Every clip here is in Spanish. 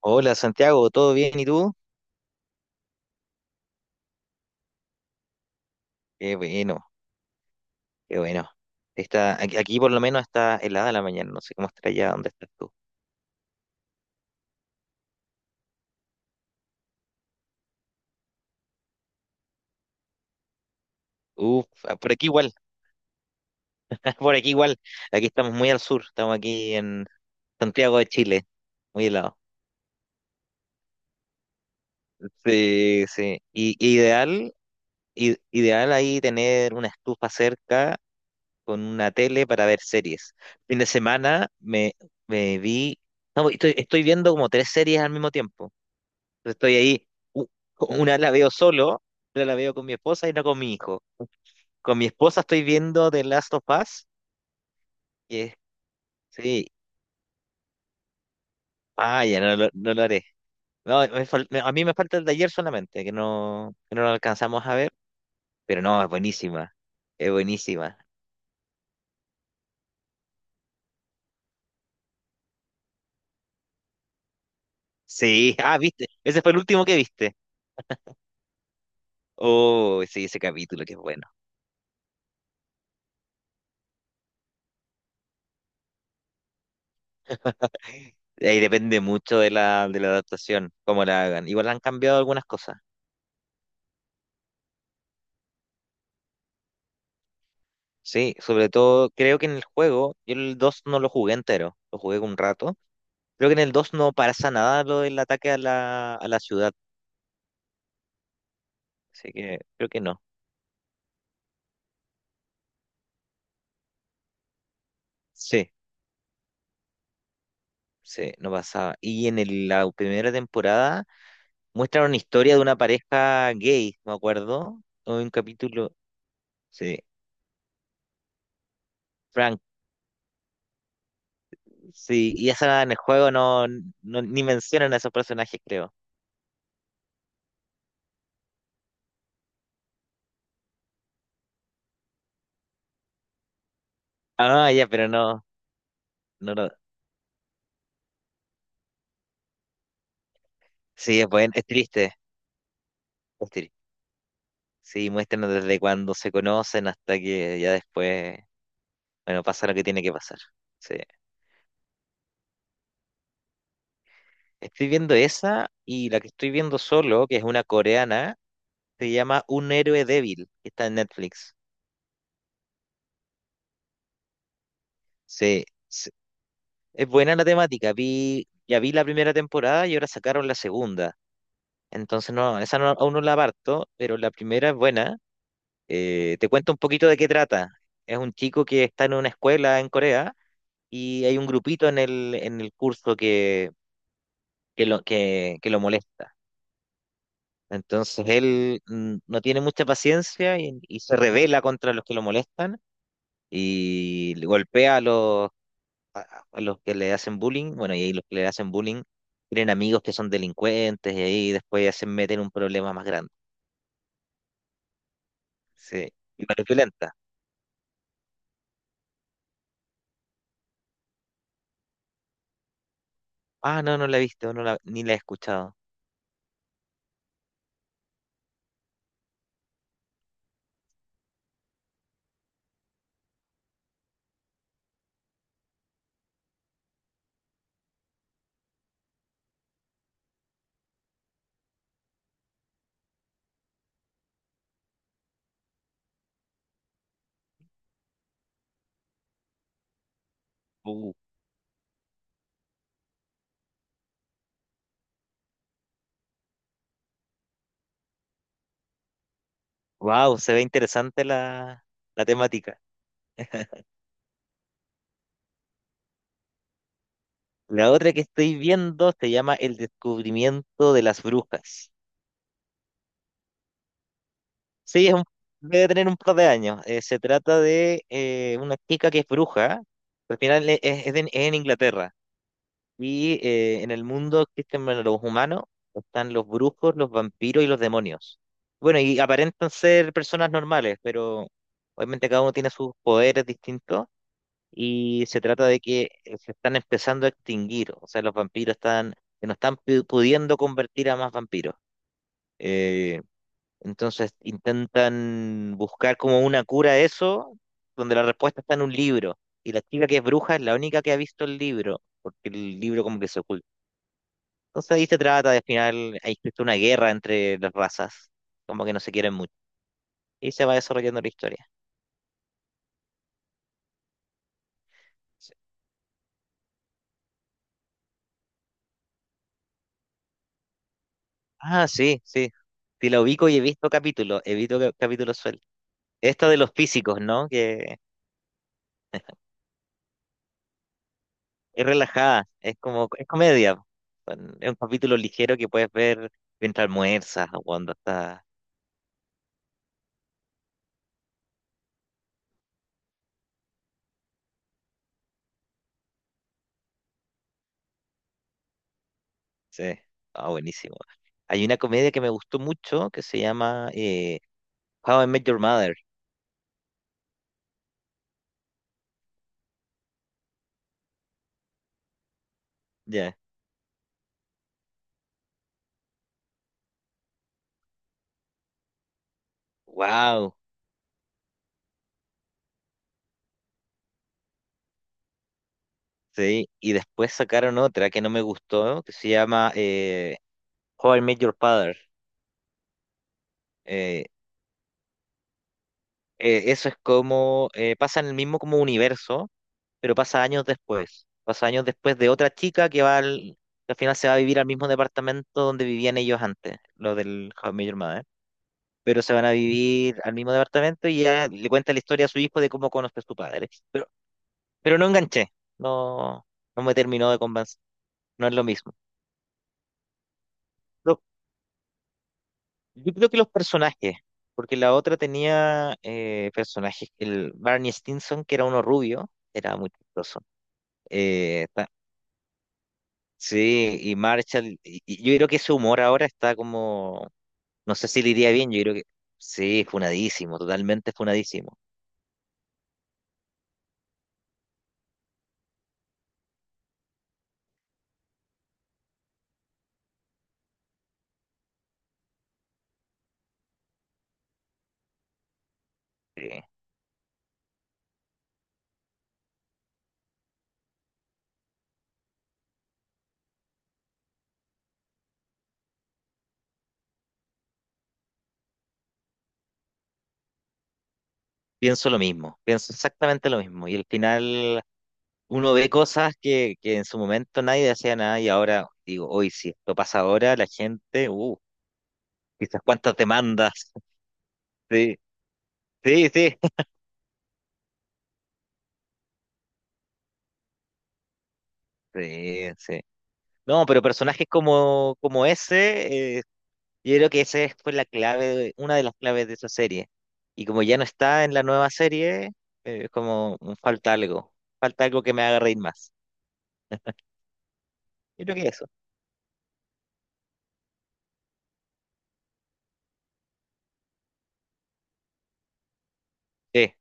Hola Santiago, ¿todo bien? ¿Y tú? Qué bueno, qué bueno. Está, aquí, aquí por lo menos está helada la mañana, no sé cómo estará allá, ¿dónde estás tú? Uf, ah, por aquí igual, por aquí igual. Aquí estamos muy al sur, estamos aquí en Santiago de Chile, muy helado. Sí, sí. Y ideal, ideal ahí tener una estufa cerca con una tele para ver series. Fin de semana me, me vi, no, estoy, estoy viendo como tres series al mismo tiempo. Pero estoy ahí, u- una la veo solo, otra la veo con mi esposa y no con mi hijo. Con mi esposa estoy viendo The Last of Us, y es- sí, vaya, no, no lo haré. No, a mí me falta el de ayer solamente, que no lo alcanzamos a ver, pero no, es buenísima, es buenísima. Sí, ah, viste, ese fue el último que viste. Oh, sí, ese capítulo que es bueno. Ahí depende mucho de la adaptación, cómo la hagan. Igual han cambiado algunas cosas. Sí, sobre todo creo que en el juego, yo el 2 no lo jugué entero, lo jugué un rato. Creo que en el 2 no pasa nada lo del ataque a la ciudad, así que creo que no. Sí, sí, no pasaba. La primera temporada muestran una historia de una pareja gay, me acuerdo, o un capítulo, sí, Frank, sí, y esa en el juego no, ni mencionan a esos personajes, creo. Ah, ya, pero no, no, sí, es bueno, es triste, es triste. Sí, muéstranos desde cuando se conocen hasta que ya después, bueno, pasa lo que tiene que pasar. Sí. Estoy viendo esa y la que estoy viendo solo, que es una coreana, se llama Un héroe débil, que está en Netflix. Sí, sí. Es buena la temática. Vi, ya vi la primera temporada y ahora sacaron la segunda. Entonces no, esa no- aún no la parto, pero la primera es buena. Te cuento un poquito de qué trata. Es un chico que está en una escuela en Corea y hay un grupito en el curso que lo molesta. Entonces él no tiene mucha paciencia y se revela contra los que lo molestan y le golpea a los, a los que le hacen bullying. Bueno, y ahí los que le hacen bullying tienen amigos que son delincuentes y ahí después ya se meten en un problema más grande. Sí. y igual es violenta. Ah, no, no la he visto, no la, ni la he escuchado. Wow, se ve interesante la, la temática. La otra que estoy viendo se llama El descubrimiento de las brujas. Sí, debe tener un par de años. Se trata de una chica que es bruja. Al final es en Inglaterra. Y en el mundo existen bueno, los humanos, están los brujos, los vampiros y los demonios. Bueno, y aparentan ser personas normales, pero obviamente cada uno tiene sus poderes distintos. Y se trata de que se están empezando a extinguir. O sea, los vampiros están, que no están pudiendo convertir a más vampiros. Eh, entonces intentan buscar como una cura a eso, donde la respuesta está en un libro. Y la chica que es bruja es la única que ha visto el libro, porque el libro como que se oculta. Entonces ahí se trata de al final, hay existe una guerra entre las razas, como que no se quieren mucho. Y se va desarrollando la historia. Sí. Ah, sí, sí. Sí, la ubico y he visto capítulos, he visto capítulos sueltos. Esta de los físicos, ¿no? Que es relajada, es como, es comedia. Es un capítulo ligero que puedes ver mientras almuerzas o cuando estás. Sí, ah, buenísimo. Hay una comedia que me gustó mucho que se llama How I Met Your Mother. Ya. Wow. Sí. Y después sacaron otra que no me gustó que se llama How I Met Your Father. Eh, eso es como pasa en el mismo como universo, pero pasa años después. Pasa años después de otra chica que va al, que al final se va a vivir al mismo departamento donde vivían ellos antes, lo del How I Met Your Mother. Pero se van a vivir al mismo departamento y ya le cuenta la historia a su hijo de cómo conoce a su padre. Pero no enganché, no, no me terminó de convencer, no es lo mismo. Lo- yo creo que los personajes, porque la otra tenía personajes, el Barney Stinson, que era uno rubio, era muy chistoso. Eh, ta- sí, y Marshall, y yo creo que su humor ahora está como, no sé si le iría bien, yo creo que sí, funadísimo, totalmente funadísimo. Sí. Pienso lo mismo, pienso exactamente lo mismo. Y al final uno ve cosas que en su momento nadie decía nada y ahora digo, hoy si esto pasa ahora, la gente, quizás cuántas demandas. Sí, sí, sí, sí, sí. No, pero personajes como, como ese, yo creo que esa fue la clave, una de las claves de esa serie. Y como ya no está en la nueva serie, es como falta algo que me haga reír más. Yo creo que eso. Sí, sí.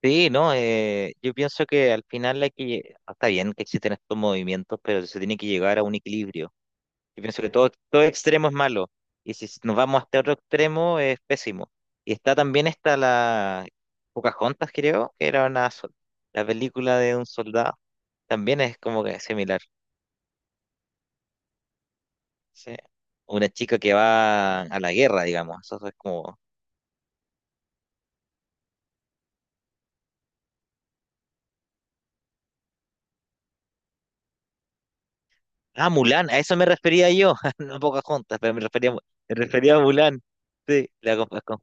Sí, no, yo pienso que al final hay que, está bien que existen estos movimientos, pero se tiene que llegar a un equilibrio. Yo pienso que todo, todo extremo es malo, y si nos vamos hasta otro extremo es pésimo. Y está también está la Pocahontas, creo, que era una, la película de un soldado, también es como que similar. Sí. Una chica que va a la guerra, digamos, eso es como... Ah, Mulan, a eso me refería yo, no a Pocahontas, pero me refería a Mulan. Sí, la confundo.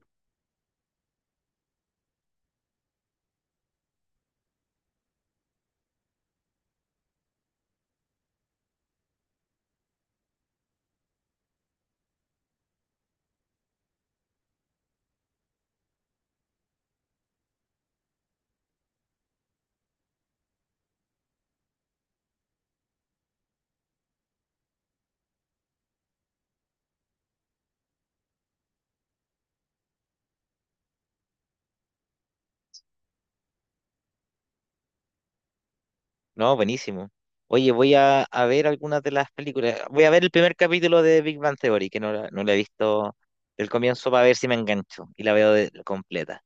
No, buenísimo. Oye, voy a ver algunas de las películas. Voy a ver el primer capítulo de Big Bang Theory, que no la, no la he visto del comienzo para ver si me engancho y la veo completa.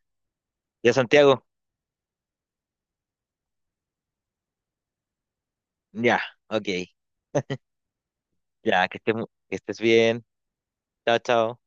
¿Ya, Santiago? Ya, ok. Ya, que estés, que estés bien. Chao, chao.